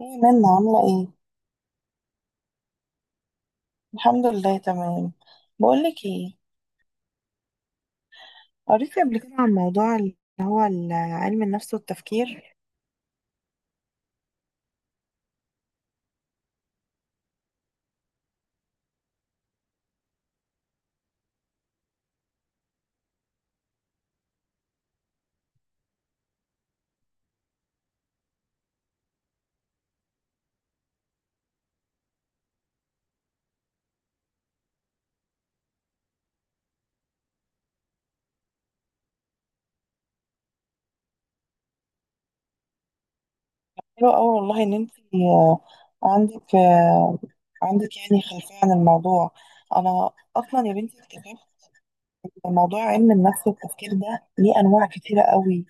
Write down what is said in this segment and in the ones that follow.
ايه منا عاملة ايه؟ الحمد لله تمام. بقولك ايه. قريتي قبل كده عن موضوع اللي هو علم النفس والتفكير. حلو اوي والله ان انت، عندك آه، عندك يعني خلفية عن الموضوع. انا اصلا يا بنتي اكتشفت إن موضوع علم النفس والتفكير ده ليه انواع كتيرة قوي.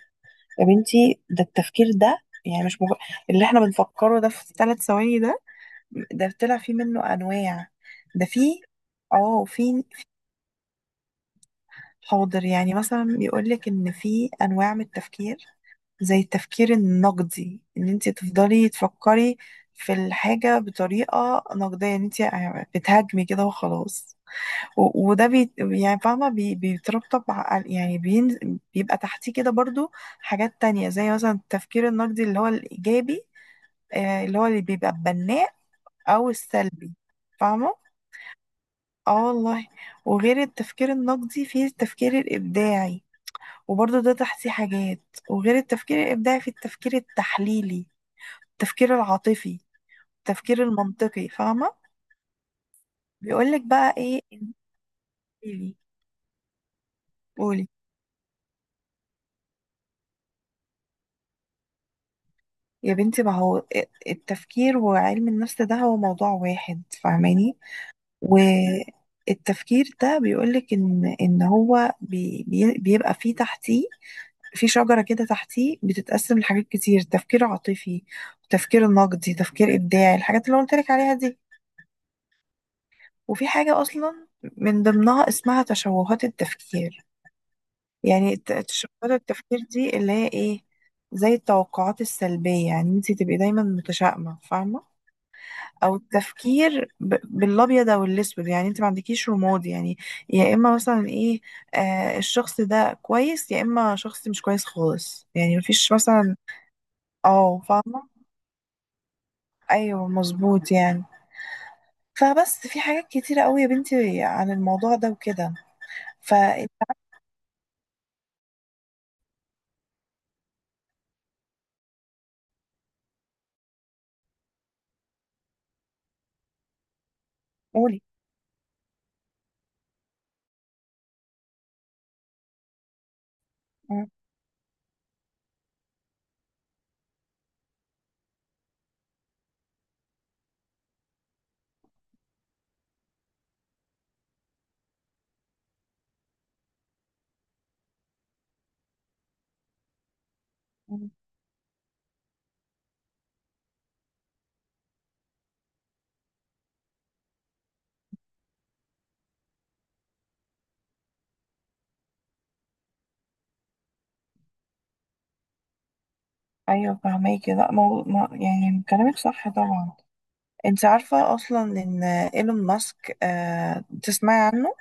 يا بنتي ده التفكير ده، يعني مش مغ... اللي احنا بنفكره ده في ثلاث ثواني ده، طلع فيه منه انواع. ده فيه، اه في. حاضر، يعني مثلا بيقولك ان في انواع من التفكير، زي التفكير النقدي، ان انت تفضلي تفكري في الحاجة بطريقة نقدية، ان انت بتهاجمي كده وخلاص. وده، يعني فاهمة، بيترتب يعني بين، بيبقى تحتيه كده برضو حاجات تانية، زي مثلا التفكير النقدي اللي هو الإيجابي، اللي هو اللي بيبقى بناء أو السلبي. فاهمة؟ اه والله. وغير التفكير النقدي فيه التفكير الإبداعي، وبرضه ده تحصي حاجات. وغير التفكير الإبداعي في التفكير التحليلي، التفكير العاطفي، التفكير المنطقي، فاهمة. بيقولك بقى ايه؟ انتيلي قولي. يا بنتي، ما هو التفكير وعلم النفس ده هو موضوع واحد، فاهماني. والتفكير ده بيقولك ان هو، بي بي بيبقى فيه تحتيه في شجرة كده، تحتيه بتتقسم لحاجات كتير: تفكير عاطفي، تفكير نقدي، تفكير إبداعي، الحاجات اللي قلت لك عليها دي. وفي حاجة أصلا من ضمنها اسمها تشوهات التفكير. يعني تشوهات التفكير دي اللي هي إيه؟ زي التوقعات السلبية، يعني انت تبقي دايما متشائمة، فاهمة. أو التفكير بالأبيض أو الأسود، يعني انت ما عندكيش رماد، يعني يا إما مثلا إيه، آه، الشخص ده كويس يا إما شخص مش كويس خالص، يعني مفيش مثلا. اه، فاهمة. أيوه مظبوط، يعني فبس في حاجات كتيرة قوي يا بنتي عن الموضوع ده وكده. فقولي. مم. ايوه فهماكي. لا، مو... ما... يعني كلامك صح طبعا. انت عارفه اصلا ان ايلون ماسك، تسمعي عنه؟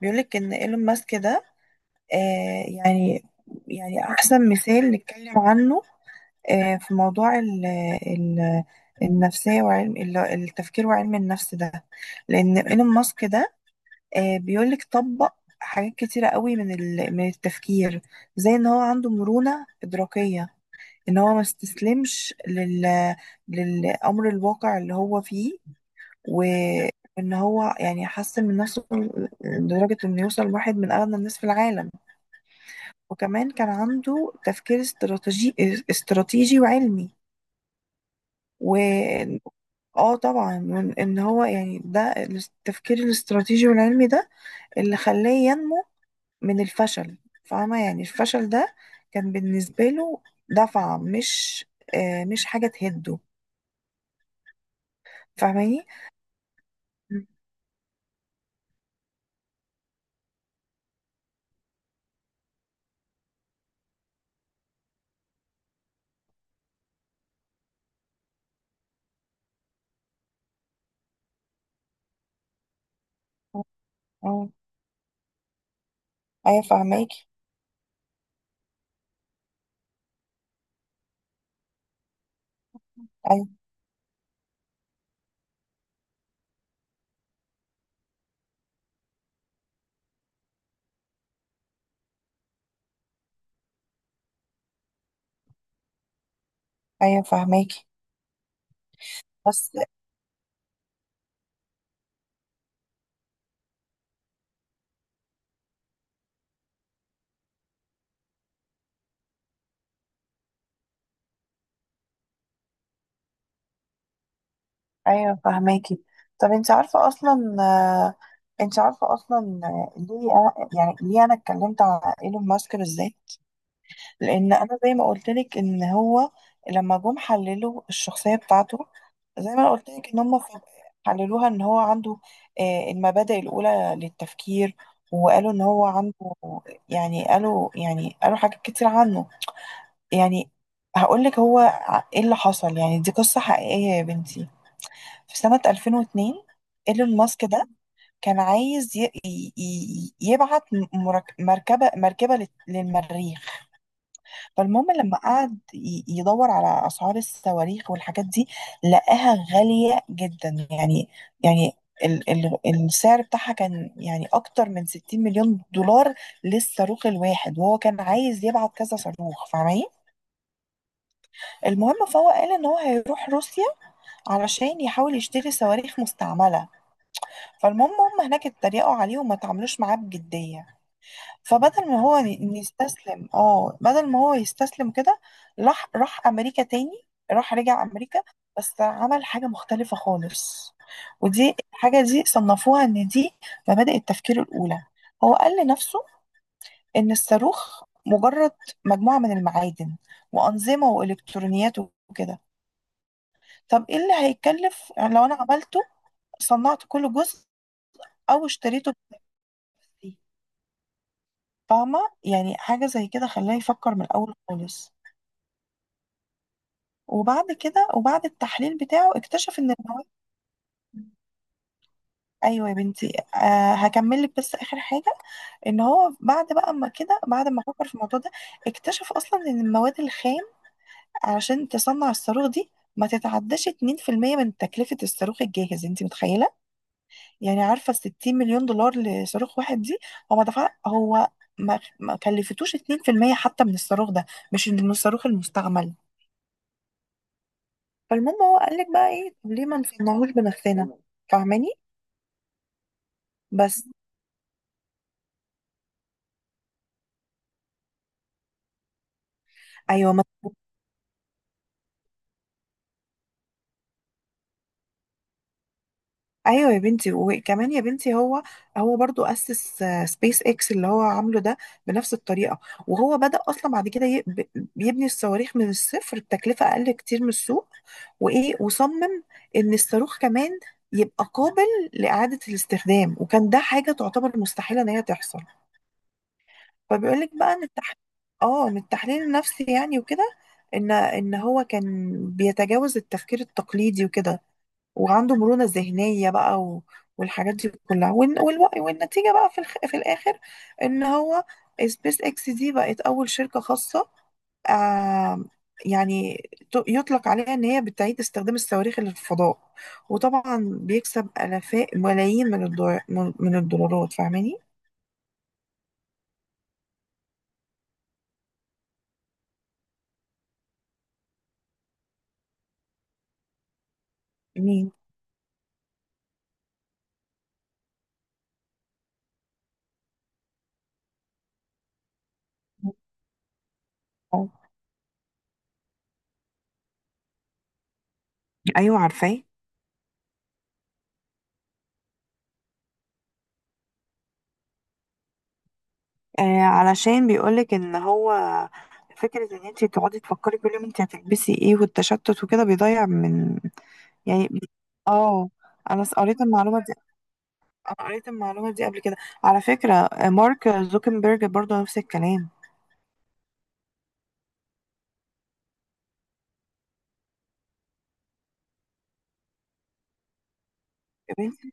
بيقولك ان ايلون ماسك ده، يعني، احسن مثال نتكلم عنه، في موضوع ال... النفسيه وعلم التفكير وعلم النفس ده، لان ايلون ماسك ده، بيقولك طبق حاجات كتيرة قوي من التفكير. زي ان هو عنده مرونة إدراكية، ان هو ما استسلمش للامر الواقع اللي هو فيه، وان هو يعني حسن من نفسه لدرجة انه يوصل واحد من اغنى الناس في العالم. وكمان كان عنده تفكير استراتيجي وعلمي. و اه طبعا، ان هو يعني ده التفكير الاستراتيجي والعلمي ده اللي خلاه ينمو من الفشل. فاهمة، يعني الفشل ده كان بالنسبة له دفعة، مش حاجة تهده، فاهماني. مم. ايوه فهماكي. ايوه، ايوه فهماكي. بس. ايوه فهماكي. طب انت عارفه اصلا ليه يعني ليه انا اتكلمت على ايلون ماسك بالذات؟ لان انا زي ما قلت لك ان هو لما جم حللوا الشخصيه بتاعته، زي ما قلت لك ان هم ف- حللوها ان هو عنده، المبادئ الاولى للتفكير، وقالوا ان هو عنده، يعني قالوا، حاجات كتير عنه. يعني هقولك هو، ايه اللي حصل، يعني دي قصة حقيقية يا بنتي. في سنة 2002 ايلون ماسك ده كان عايز يبعت مركبة للمريخ. فالمهم، لما قعد يدور على أسعار الصواريخ والحاجات دي، لقاها غالية جدا، يعني، يعني ال السعر بتاعها كان يعني أكتر من 60 مليون دولار للصاروخ الواحد، وهو كان عايز يبعت كذا صاروخ، فاهمة. المهم فهو قال ان هو هيروح روسيا علشان يحاول يشتري صواريخ مستعملة. فالمهم هم هناك اتريقوا عليه وما تعاملوش معاه بجدية. فبدل ما هو ي- إن يستسلم اه بدل ما هو يستسلم كده، راح امريكا تاني. رجع امريكا، بس عمل حاجة مختلفة خالص. ودي الحاجة دي صنفوها ان دي مبادئ التفكير الاولى. هو قال لنفسه ان الصاروخ مجرد مجموعة من المعادن وأنظمة وإلكترونيات وكده. طب ايه اللي هيتكلف يعني لو انا عملته، صنعت كل جزء او اشتريته بنفسي؟ فاهمة. يعني حاجة زي كده خلاه يفكر من الاول خالص. وبعد كده، وبعد التحليل بتاعه، اكتشف ان المواد. ايوه يا بنتي، هكمل لك بس اخر حاجه. ان هو بعد بقى، اما كده بعد ما فكر في الموضوع ده، اكتشف اصلا ان المواد الخام علشان تصنع الصاروخ دي ما تتعداش 2% من تكلفه الصاروخ الجاهز، انت متخيله؟ يعني عارفه ال 60 مليون دولار لصاروخ واحد دي، هو، ما كلفتوش 2% حتى من الصاروخ ده، مش من الصاروخ المستعمل. فالمهم هو قال لك بقى ايه: طب ليه ما نصنعوش بنفسنا، فاهماني. بس. ايوه ما ايوه يا بنتي. وكمان يا بنتي هو برضو اسس سبيس اكس اللي هو عامله ده بنفس الطريقه. وهو بدأ اصلا بعد كده بيبني الصواريخ من الصفر بتكلفه اقل كتير من السوق. وايه، وصمم ان الصاروخ كمان يبقى قابل لإعادة الاستخدام، وكان ده حاجة تعتبر مستحيلة ان هي تحصل. فبيقول لك بقى ان التحليل، اه من التحليل النفسي يعني وكده، ان هو كان بيتجاوز التفكير التقليدي وكده، وعنده مرونة ذهنية بقى، والحاجات دي كلها، والنتيجة بقى في الآخر إن هو سبيس إكس دي بقت أول شركة خاصة، آم، يعني يطلق عليها إن هي بتعيد استخدام الصواريخ للفضاء، وطبعا بيكسب آلاف ملايين من الدولار، من الدولارات، فاهماني؟ مين؟ آه. ايوه عارفاه. آه، علشان بيقولك ان هو فكره ان انت تقعدي تفكري كل يوم انت هتلبسي ايه، والتشتت وكده بيضيع من، يعني اه قريت المعلومه دي. انا قريت المعلومه دي قبل كده. على فكره، مارك زوكنبيرج برضو نفس الكلام. يا بنتي،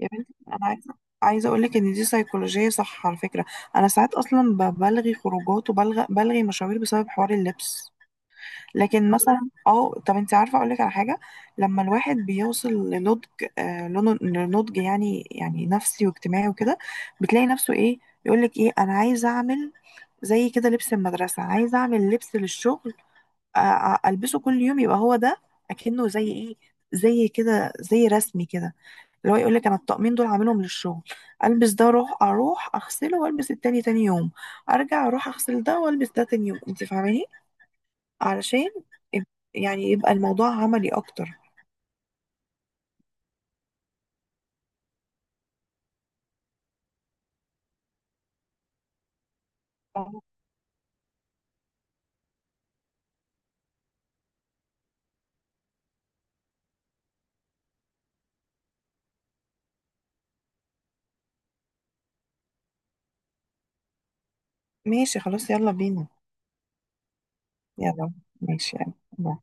يا بنتي انا عايزه، اقول لك ان دي سيكولوجيه صح على فكره. انا ساعات اصلا بلغي خروجات، بلغي مشاوير بسبب حوار اللبس. لكن مثلا، طب انت عارفه، اقول لك على حاجه: لما الواحد بيوصل لنضج، لنضج يعني، نفسي واجتماعي وكده، بتلاقي نفسه ايه يقول لك: ايه انا عايز اعمل زي كده لبس المدرسه، عايز اعمل لبس للشغل، البسه كل يوم، يبقى هو ده، اكنه زي ايه، زي كده، زي رسمي كده. اللي هو يقول لك انا الطقمين دول عاملهم للشغل: البس ده اروح، اغسله، والبس التاني تاني يوم، ارجع اروح اغسل ده والبس ده تاني يوم، انت فاهماني، علشان يب- يعني يبقى الموضوع عملي اكتر. ماشي خلاص، يلا بينا. يلا. ماشي. يلا.